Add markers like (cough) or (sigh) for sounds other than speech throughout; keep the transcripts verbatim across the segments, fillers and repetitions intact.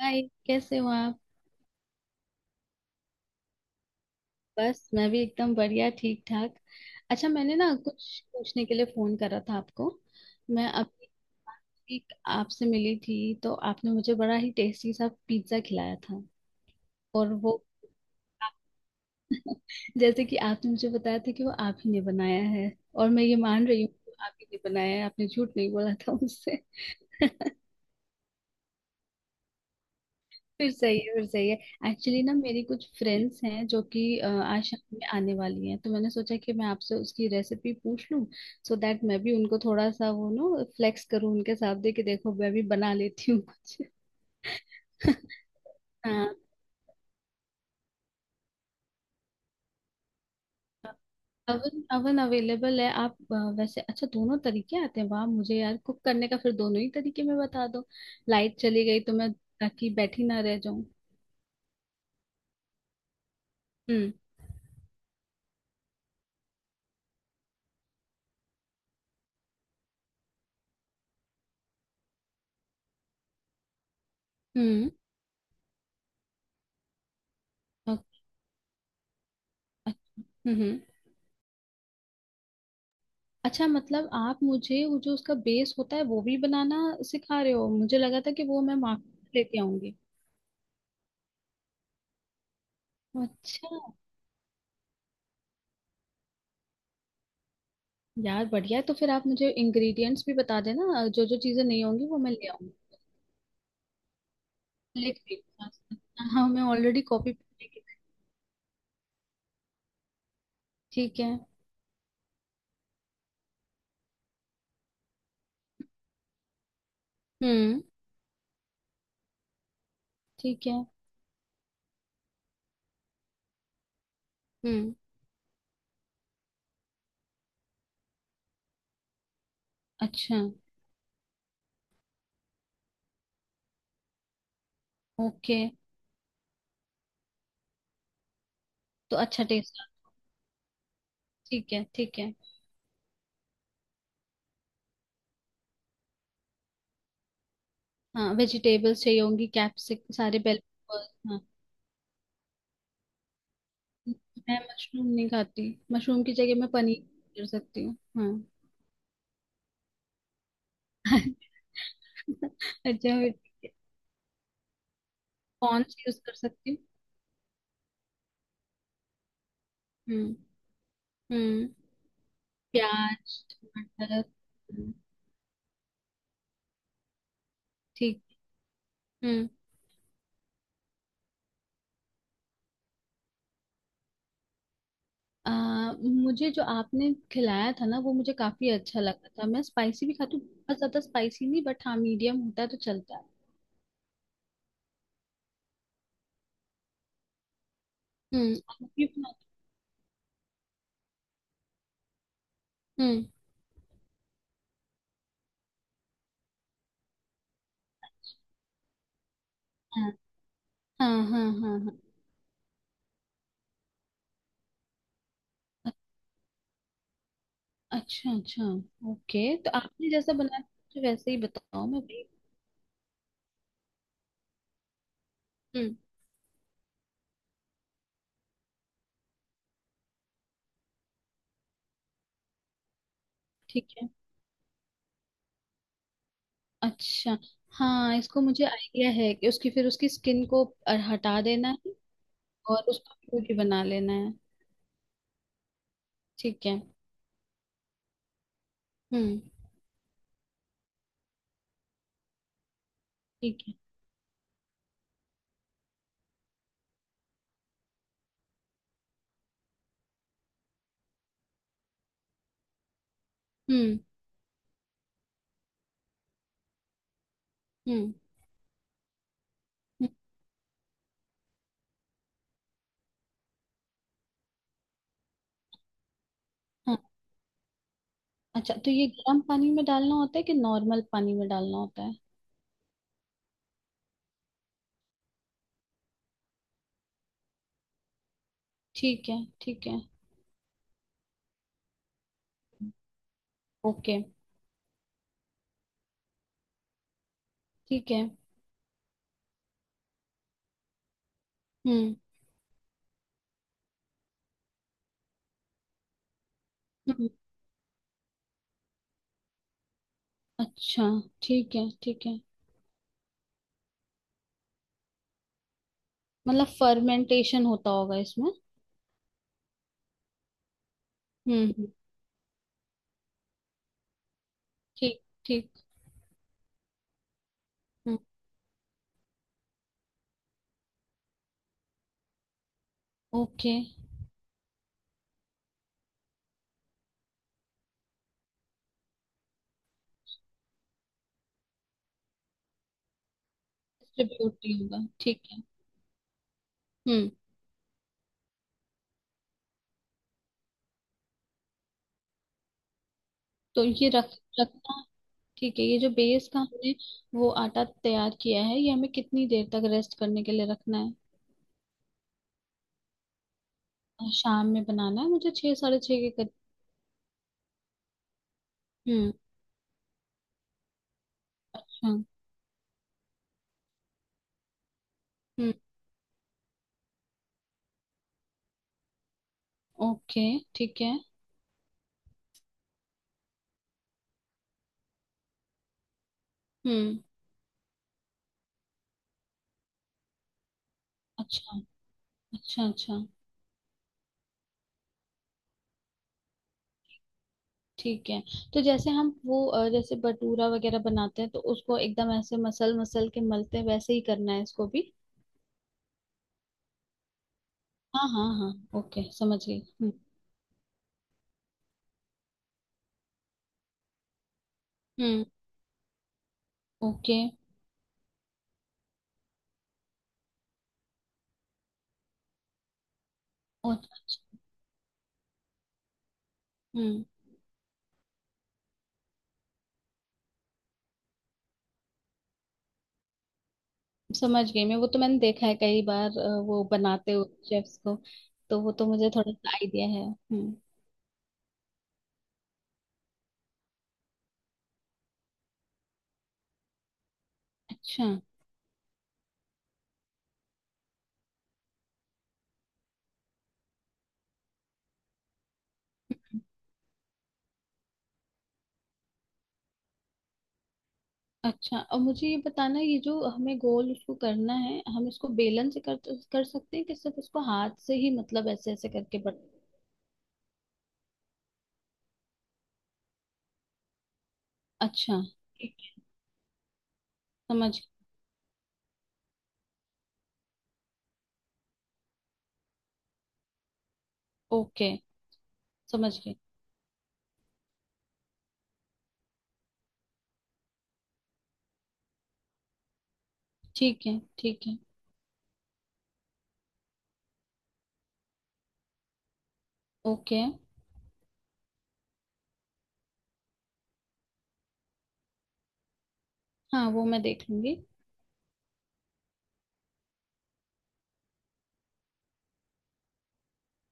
हाय। कैसे हो आप? बस मैं भी एकदम बढ़िया, ठीक ठाक। अच्छा, मैंने ना कुछ पूछने के लिए फोन करा था आपको। मैं अभी एक आपसे मिली थी, तो आपने मुझे बड़ा ही टेस्टी सा पिज्जा खिलाया था। और वो (laughs) जैसे कि आपने मुझे बताया था कि वो आप ही ने बनाया है, और मैं ये मान रही हूँ कि आप ही ने बनाया है, आपने झूठ नहीं बोला था मुझसे। (laughs) फिर सही है, फिर सही है। एक्चुअली ना, मेरी कुछ फ्रेंड्स हैं जो कि अ, आज शाम में आने वाली हैं, तो मैंने सोचा कि मैं आपसे उसकी रेसिपी पूछ लूं। सो दैट मैं भी उनको थोड़ा सा वो नो फ्लेक्स करूं उनके सामने कि देखो मैं भी बना लेती हूँ कुछ। (laughs) हाँ। अवन अवन अवेलेबल है। आप अ, वैसे अच्छा, दोनों तरीके आते हैं। वाह! मुझे यार कुक करने का, फिर दोनों ही तरीके में बता दो। लाइट चली गई तो मैं, ताकि बैठी ना रह जाऊं। हम्म, हम्म। ओके। अच्छा। हम्म, हम्म। अच्छा, मतलब आप मुझे वो जो उसका बेस होता है वो भी बनाना सिखा रहे हो? मुझे लगा था कि वो मैं मार्केट लेके आऊंगी। अच्छा, यार बढ़िया है। तो फिर आप मुझे इंग्रेडिएंट्स भी बता देना, जो जो चीजें नहीं होंगी वो मैं ले आऊंगी। लिख रही हूँ। हाँ, मैं ऑलरेडी कॉपी। ठीक है। हम्म। ठीक है। हम्म। अच्छा। ओके। तो अच्छा टेस्ट। ठीक है, ठीक है। हाँ, वेजिटेबल्स चाहिए होंगी, कैप्सिक सारे बेल पेपर। मैं मशरूम नहीं खाती, मशरूम की जगह मैं पनीर कर सकती हूँ, हाँ। (laughs) अच्छा, फिर कौन सी यूज कर सकती हूँ? हम्म, हम्म। प्याज टमाटर। हम्म। ठीक। हम्म। आ, मुझे जो आपने खिलाया था ना वो मुझे काफी अच्छा लगा था। मैं स्पाइसी भी खाती हूँ, बहुत ज्यादा स्पाइसी नहीं, बट हाँ, मीडियम होता है तो चलता है। हम्म, आप भी बनाते- हम्म। हाँ, हाँ, हाँ, हाँ, हाँ। अ- अच्छा, अच्छा। ओके, तो आपने जैसा बनाया था, मुझे वैसे ही बताओ, मैं भी। हम्म। ठीक है। अच्छा। हाँ, इसको मुझे आइडिया है कि उसकी फिर उसकी स्किन को अ, हटा देना है। और उसका प्यूरी बना लेना है। ठीक है। हम्म। ठीक है। हम्म, हम्म, हम्म। हाँ। अच्छा, तो ये गर्म पानी में डालना होता है कि नॉर्मल पानी में डालना होता है? ठीक है, ठीक है। ओके। ठीक है। हम्म, हम्म। अच्छा। ठीक है, ठीक है। मतलब फर्मेंटेशन होता होगा इसमें? हम्म, हम्म। ठीक, ठीक। हम्म। ओके। डिस्ट्रीब्यूट होगा, ठीक है। हम्म। तो ये रख रखना, ठीक है। ये जो बेस का हमने वो आटा तैयार किया है, ये हमें कितनी देर तक रेस्ट करने के लिए रखना है? शाम में बनाना है मुझे, छः साढ़े छः के करीब। हम्म। अच्छा। हम्म। ओके। ठीक है। हम्म। अच्छा, अच्छा, अच्छा। ठीक है। तो जैसे हम वो अ, जैसे भटूरा वगैरह बनाते हैं तो उसको एकदम ऐसे मसल मसल के मलते हैं, वैसे ही करना है इसको भी। हाँ, हाँ, हाँ, ओके, समझ गई। हम्म। हम्म। ओके। और अच्छा। हम्म। समझ गई मैं, वो तो मैंने देखा है कई बार अ, वो बनाते हुए शेफ्स को। तो वो तो मुझे थोड़ा सा आइडिया है। हम्म। अच्छा, अच्छा। और मुझे ये बताना, ये जो हमें गोल उसको करना है, हम इसको बेलन से कर कर सकते हैं कि सिर्फ उसको हाथ से ही, मतलब ऐसे ऐसे करके, बट। अच्छा। ठीक है। समझ गई। ओके, समझ गई। ठीक है, ठीक है। ओके। हाँ, वो मैं देख लूंगी।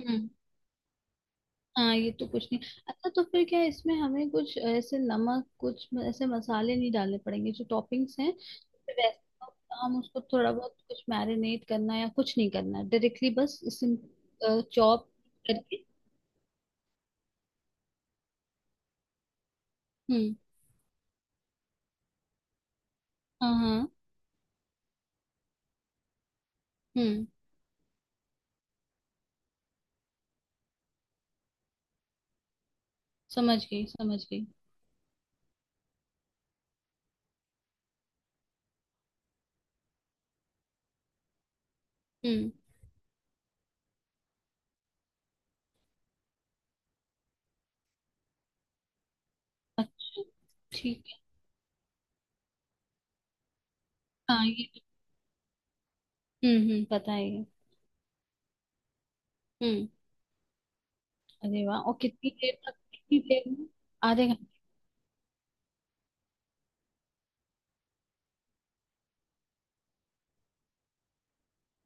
हम्म। हाँ, ये तो कुछ नहीं। अच्छा, तो फिर क्या इसमें हमें कुछ ऐसे नमक, कुछ म- ऐसे मसाले नहीं डालने पड़ेंगे? जो टॉपिंग्स हैं तो वैसे, तो हम उसको थोड़ा बहुत कुछ मैरिनेट करना है या कुछ नहीं करना है, डायरेक्टली बस इसे चॉप करके? हम्म। हाँ, हाँ। हम्म। समझ गई, समझ गई। हम्म। अच्छा। ठीक है। हाँ, ये तो- हम्म, हम्म, पता है ये। हम्म। अरे वाह! और कितनी देर तक, कितनी देर में? आधे,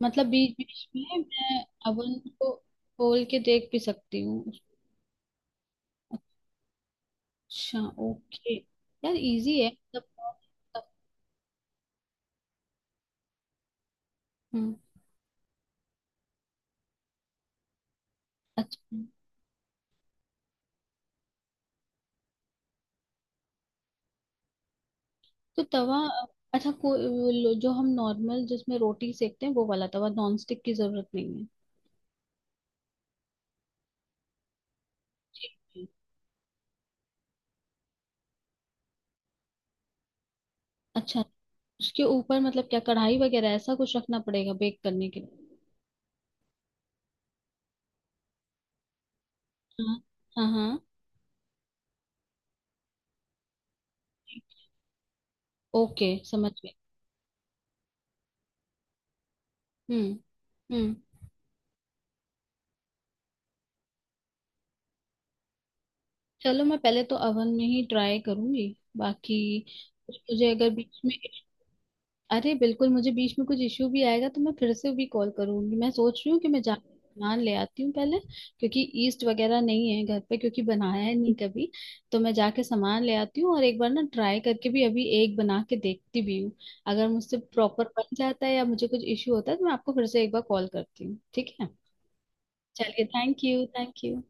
मतलब बीच बीच में मैं अवन को खोल के देख भी सकती हूँ? अच्छा, ओके, यार, इजी है, मतलब बहुत-। हम्म। अच्छा, तो तवा? अच्छा, को वो लो- जो हम नॉर्मल जिसमें रोटी सेकते हैं वो वाला तवा, नॉन स्टिक की जरूरत नहीं है? अच्छा, उसके ऊपर मतलब क्या कढ़ाई वगैरह ऐसा कुछ रखना पड़ेगा बेक करने के लिए? हाँ, हाँ, हाँ, ओके, समझ गए। हम्म, हम्म। चलो, मैं पहले तो अवन में ही ट्राई करूंगी बाकी, कुछ मुझे अगर बीच में, अरे बिल्कुल, मुझे बीच में कुछ इश्यू भी आएगा तो मैं फिर से भी कॉल करूंगी। मैं सोच रही हूँ कि मैं जा नान ले आती हूँ पहले, क्योंकि ईस्ट वगैरह नहीं है घर पे, क्योंकि बनाया है नहीं कभी। तो मैं जाके सामान ले आती हूँ और एक बार ना ट्राई करके भी अभी एक बना के देखती भी हूँ। अगर मुझसे प्रॉपर बन जाता है या मुझे कुछ इश्यू होता है तो मैं आपको फिर से एक बार कॉल करती हूँ, ठीक है? चलिए, थैंक यू, थैंक यू।